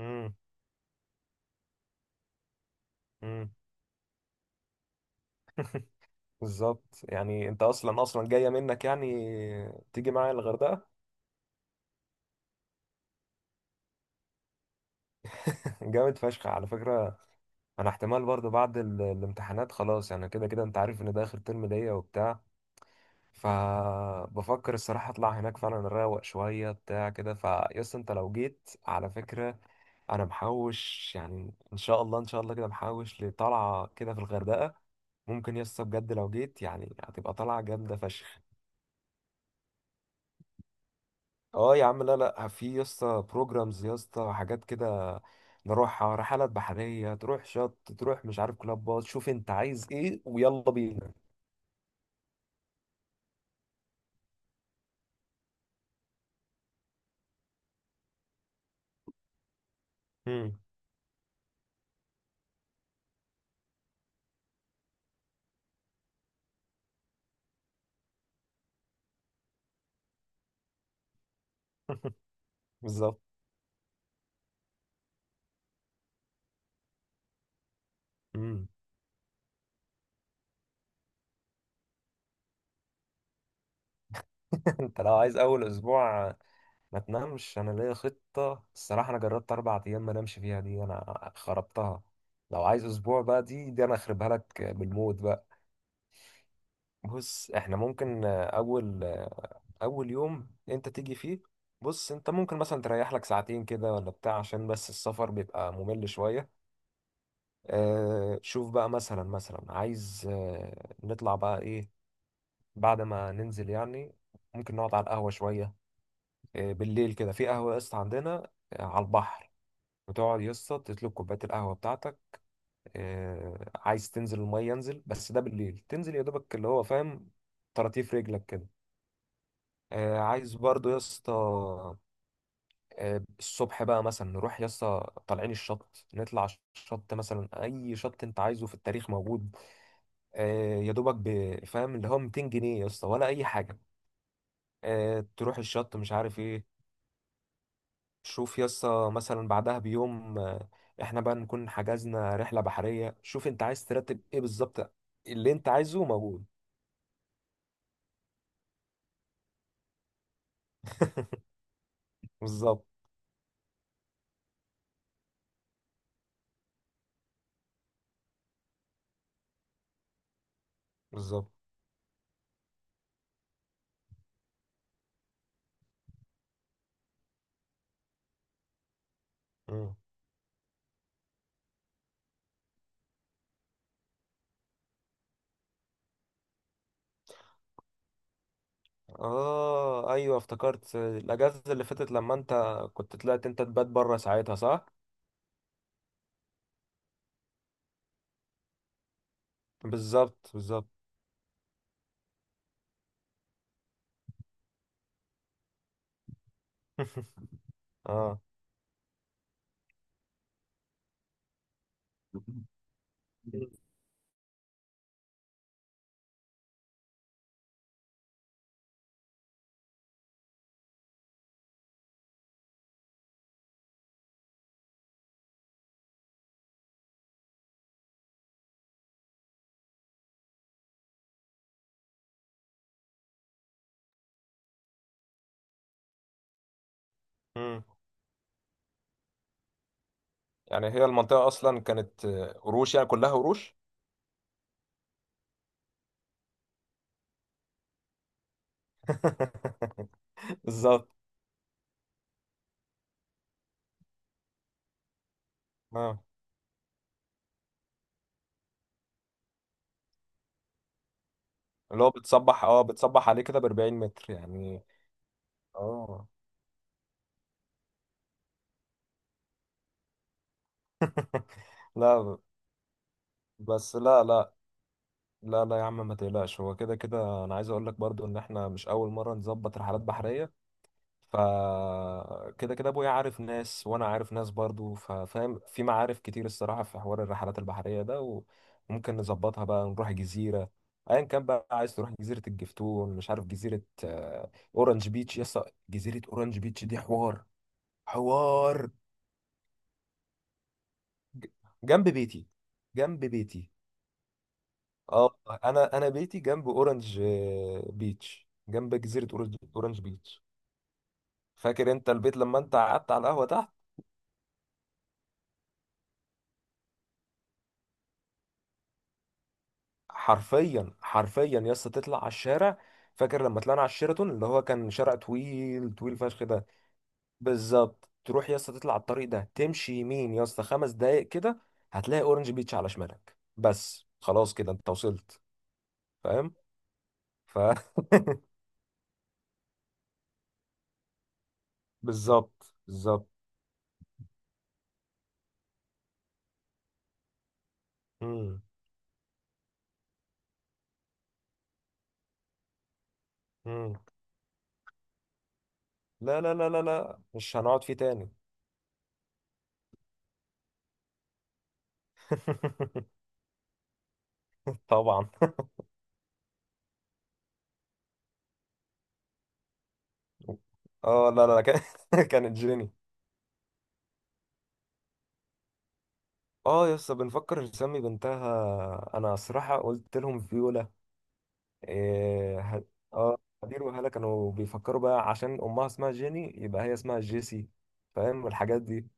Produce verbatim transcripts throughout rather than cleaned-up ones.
امم امم بالظبط يعني انت اصلا اصلا جايه منك يعني. تيجي معايا الغردقه؟ جامد فشخ على فكره. انا احتمال برضو بعد ال- الامتحانات خلاص، يعني كده كده انت عارف ان ده اخر ترم ليا وبتاع. فبفكر الصراحه اطلع هناك فعلا، اروق شويه بتاع كده. فيس انت لو جيت على فكره، انا محوش، يعني ان شاء الله ان شاء الله كده محوش لطلعه كده في الغردقه. ممكن يس بجد لو جيت يعني هتبقى طلعه جامده فشخ. اه يا عم، لا لا، في يا اسطى بروجرامز، يا اسطى حاجات كده، نروحها رحلات بحرية، تروح شط، تروح مش عارف كلابات. شوف انت عايز ايه ويلا بينا. مم. بالظبط. مم. انت لو عايز اول اسبوع ما تنامش، انا ليا خطة الصراحة، انا جربت اربع ايام ما نامش فيها، دي انا خربتها. لو عايز اسبوع بقى، دي دي انا اخربها لك بالموت بقى. بص احنا ممكن اول اول يوم انت تيجي فيه. بص، انت ممكن مثلا تريح لك ساعتين كده ولا بتاع، عشان بس السفر بيبقى ممل شوية. آه، شوف بقى، مثلا مثلا عايز آه نطلع بقى ايه بعد ما ننزل، يعني ممكن نقعد على القهوة شوية. آه، بالليل كده في قهوة يا اسطى عندنا، آه على البحر. بتقعد يا اسطى تطلب كوباية القهوة بتاعتك. آه، عايز تنزل المية ينزل، بس ده بالليل تنزل يا دوبك اللي هو فاهم، طراطيف رجلك كده. آه، عايز برضو يا اسطى. آه، الصبح بقى مثلا نروح يسطا طالعين الشط. نطلع الشط، مثلا اي شط انت عايزه في التاريخ موجود. آه، يا دوبك، ب- فاهم، اللي هو ميتين جنيه يسطا ولا اي حاجه. آه، تروح الشط مش عارف ايه. شوف يسطا، مثلا بعدها بيوم آه، احنا بقى نكون حجزنا رحله بحريه. شوف انت عايز ترتب ايه بالظبط. اللي انت عايزه موجود. بالظبط بالظبط. مم. اه ايوه افتكرت الاجازه اللي فاتت لما انت كنت طلعت، انت تبات بره ساعتها، صح؟ بالظبط بالظبط. اه. مم. يعني هي المنطقة أصلا كانت آه، قروش، يعني كلها قروش. بالظبط. اه، اللي هو بتصبح اه بتصبح عليه كده ب اربعين متر يعني؟ اه، لا، بس لا لا لا لا يا عم ما تقلقش، هو كده كده أنا عايز أقول لك برضو إن إحنا مش أول مرة نظبط رحلات بحرية. فكده كده ابويا عارف ناس، وانا عارف ناس برضو، ففاهم، في معارف كتير الصراحه في حوار الرحلات البحريه ده، وممكن نظبطها بقى نروح جزيره ايا كان بقى. عايز تروح جزيره الجفتون، مش عارف جزيره آه، اورنج بيتش يسا، جزيره اورنج بيتش دي حوار. حوار. ج- جنب بيتي. جنب بيتي. اه. انا انا بيتي جنب اورنج آه، بيتش، جنب جزيره اورنج أورنج بيتش. فاكر انت البيت لما انت قعدت على القهوه تحت؟ حرفيا حرفيا يا اسطى تطلع على الشارع. فاكر لما طلعنا على الشيراتون اللي هو كان شارع طويل طويل فشخ ده؟ بالظبط. تروح يا اسطى تطلع على الطريق ده، تمشي يمين يا اسطى خمس دقايق كده، هتلاقي اورنج بيتش على شمالك. بس خلاص كده انت وصلت. فاهم ف بالظبط بالظبط. مم. مم. لا لا لا لا لا، مش هنقعد فيه تاني. طبعا. اه لا لا لا، كان- كانت جيني. اه يا اسطى، بنفكر نسمي بنتها. انا صراحة قلت لهم فيولا. إيه ه... اه. هدير وهلا كانوا بيفكروا بقى، عشان امها اسمها جيني يبقى هي اسمها جيسي. فاهم الحاجات دي.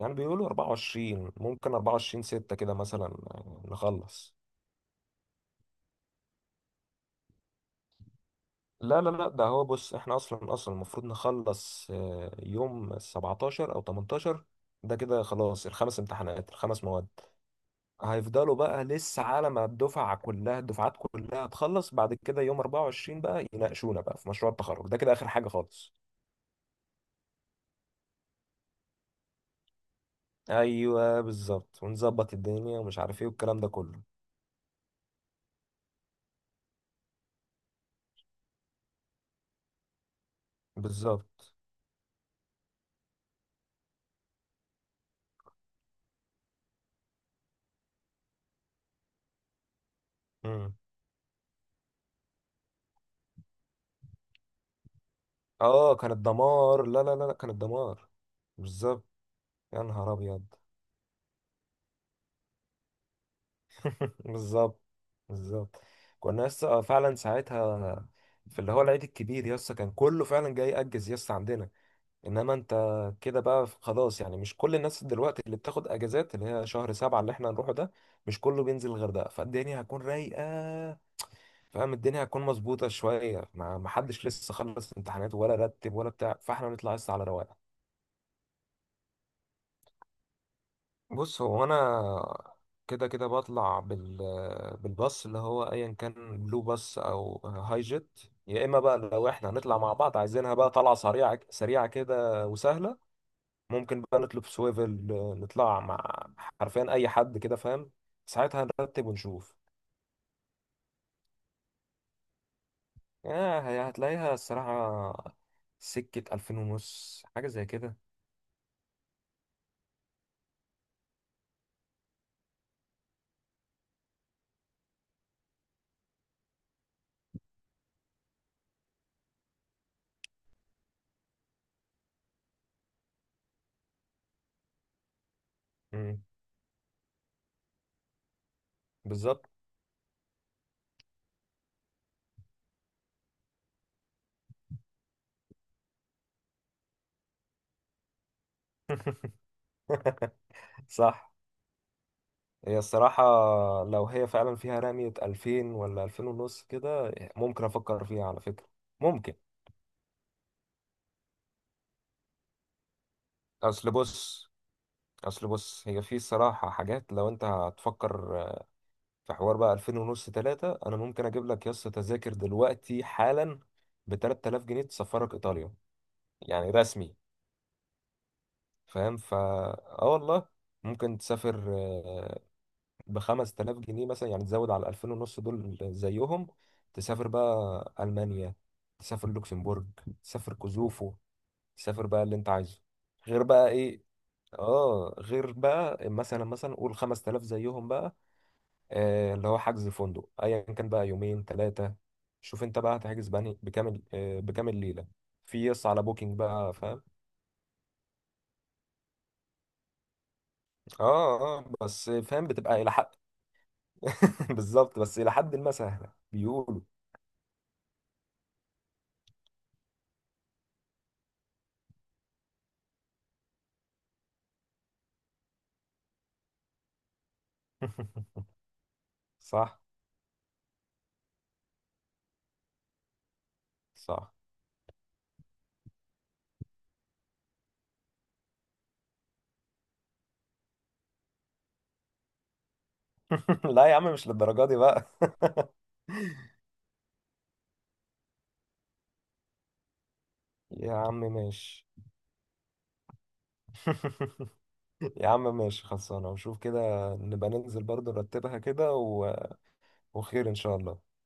يعني بيقولوا اربعة وعشرين، ممكن اربعة وعشرين ستة كده مثلا آه، نخلص. لا لا لا، ده هو، بص احنا اصلا اصلا المفروض نخلص آه، يوم سبعتاشر او تمنتاشر. ده كده خلاص، الخمس امتحانات الخمس مواد، هيفضلوا بقى لسه على ما الدفعة كلها الدفعات كلها تخلص، بعد كده يوم اربعة وعشرين بقى يناقشونا بقى في مشروع التخرج، ده كده آخر حاجة خالص. ايوه بالظبط، ونظبط الدنيا ومش عارف ايه والكلام ده كله. بالظبط. امم. اه كانت دمار، لا لا لا لا، كانت دمار. بالظبط. يا نهار ابيض. بالظبط بالظبط. كنا لسه آه، فعلا ساعتها في اللي هو العيد الكبير، يسا كان كله فعلا جاي يأجز يسا عندنا. انما انت كده بقى خلاص، يعني مش كل الناس دلوقتي اللي بتاخد اجازات اللي هي شهر سبعة اللي احنا هنروحه ده، مش كله بينزل الغردقة، فالدنيا هتكون رايقة. فاهم، الدنيا هتكون مظبوطة شوية، ما ما حدش لسه خلص امتحانات ولا رتب ولا بتاع، فاحنا بنطلع لسه على رواقة. بص هو انا كده كده بطلع بال بالباص اللي هو ايا كان بلو باص او هاي جيت. يا اما بقى لو احنا هنطلع مع بعض عايزينها بقى طلعة سريعة سريعة كده وسهلة، ممكن بقى نطلب سويفل، نطلع مع حرفيا اي حد كده، فاهم. ساعتها نرتب ونشوف. آه هي- هتلاقيها الصراحة سكة ألفين ونص حاجة زي كده. مم، بالظبط. صح. هي الصراحة، لو هي فعلا فيها رمية ألفين ولا ألفين ونص كده ممكن أفكر فيها على فكرة. ممكن. أصل بص، أصل بص، هي في الصراحة حاجات لو أنت هتفكر في حوار بقى ألفين ونص تلاتة، انا ممكن اجيب لك يا اسطى تذاكر دلوقتي حالا ب تلات الاف جنيه تسفرك ايطاليا، يعني رسمي. فاهم فا اه والله، ممكن تسافر ب خمس الاف جنيه مثلا، يعني تزود على ألفين ونص دول زيهم، تسافر بقى المانيا، تسافر لوكسمبورج، تسافر كوزوفو، تسافر بقى اللي انت عايزه. غير بقى ايه. اه غير بقى مثلا مثلا قول خمس الاف زيهم بقى، آه، اللي هو حجز فندق ايا كان بقى يومين ثلاثه. شوف انت بقى هتحجز بني بكامل آه، بكامل ليله في يس على بوكينج بقى، فاهم. اه اه بس فاهم بتبقى الى حد. بالظبط، بس الى حد ما سهله بيقولوا. صح صح. لا يا عم مش للدرجه دي بقى. يا عم ماشي. يا عم ماشي، خلصانه وشوف كده، نبقى ننزل برضه نرتبها كده و... وخير ان شاء الله.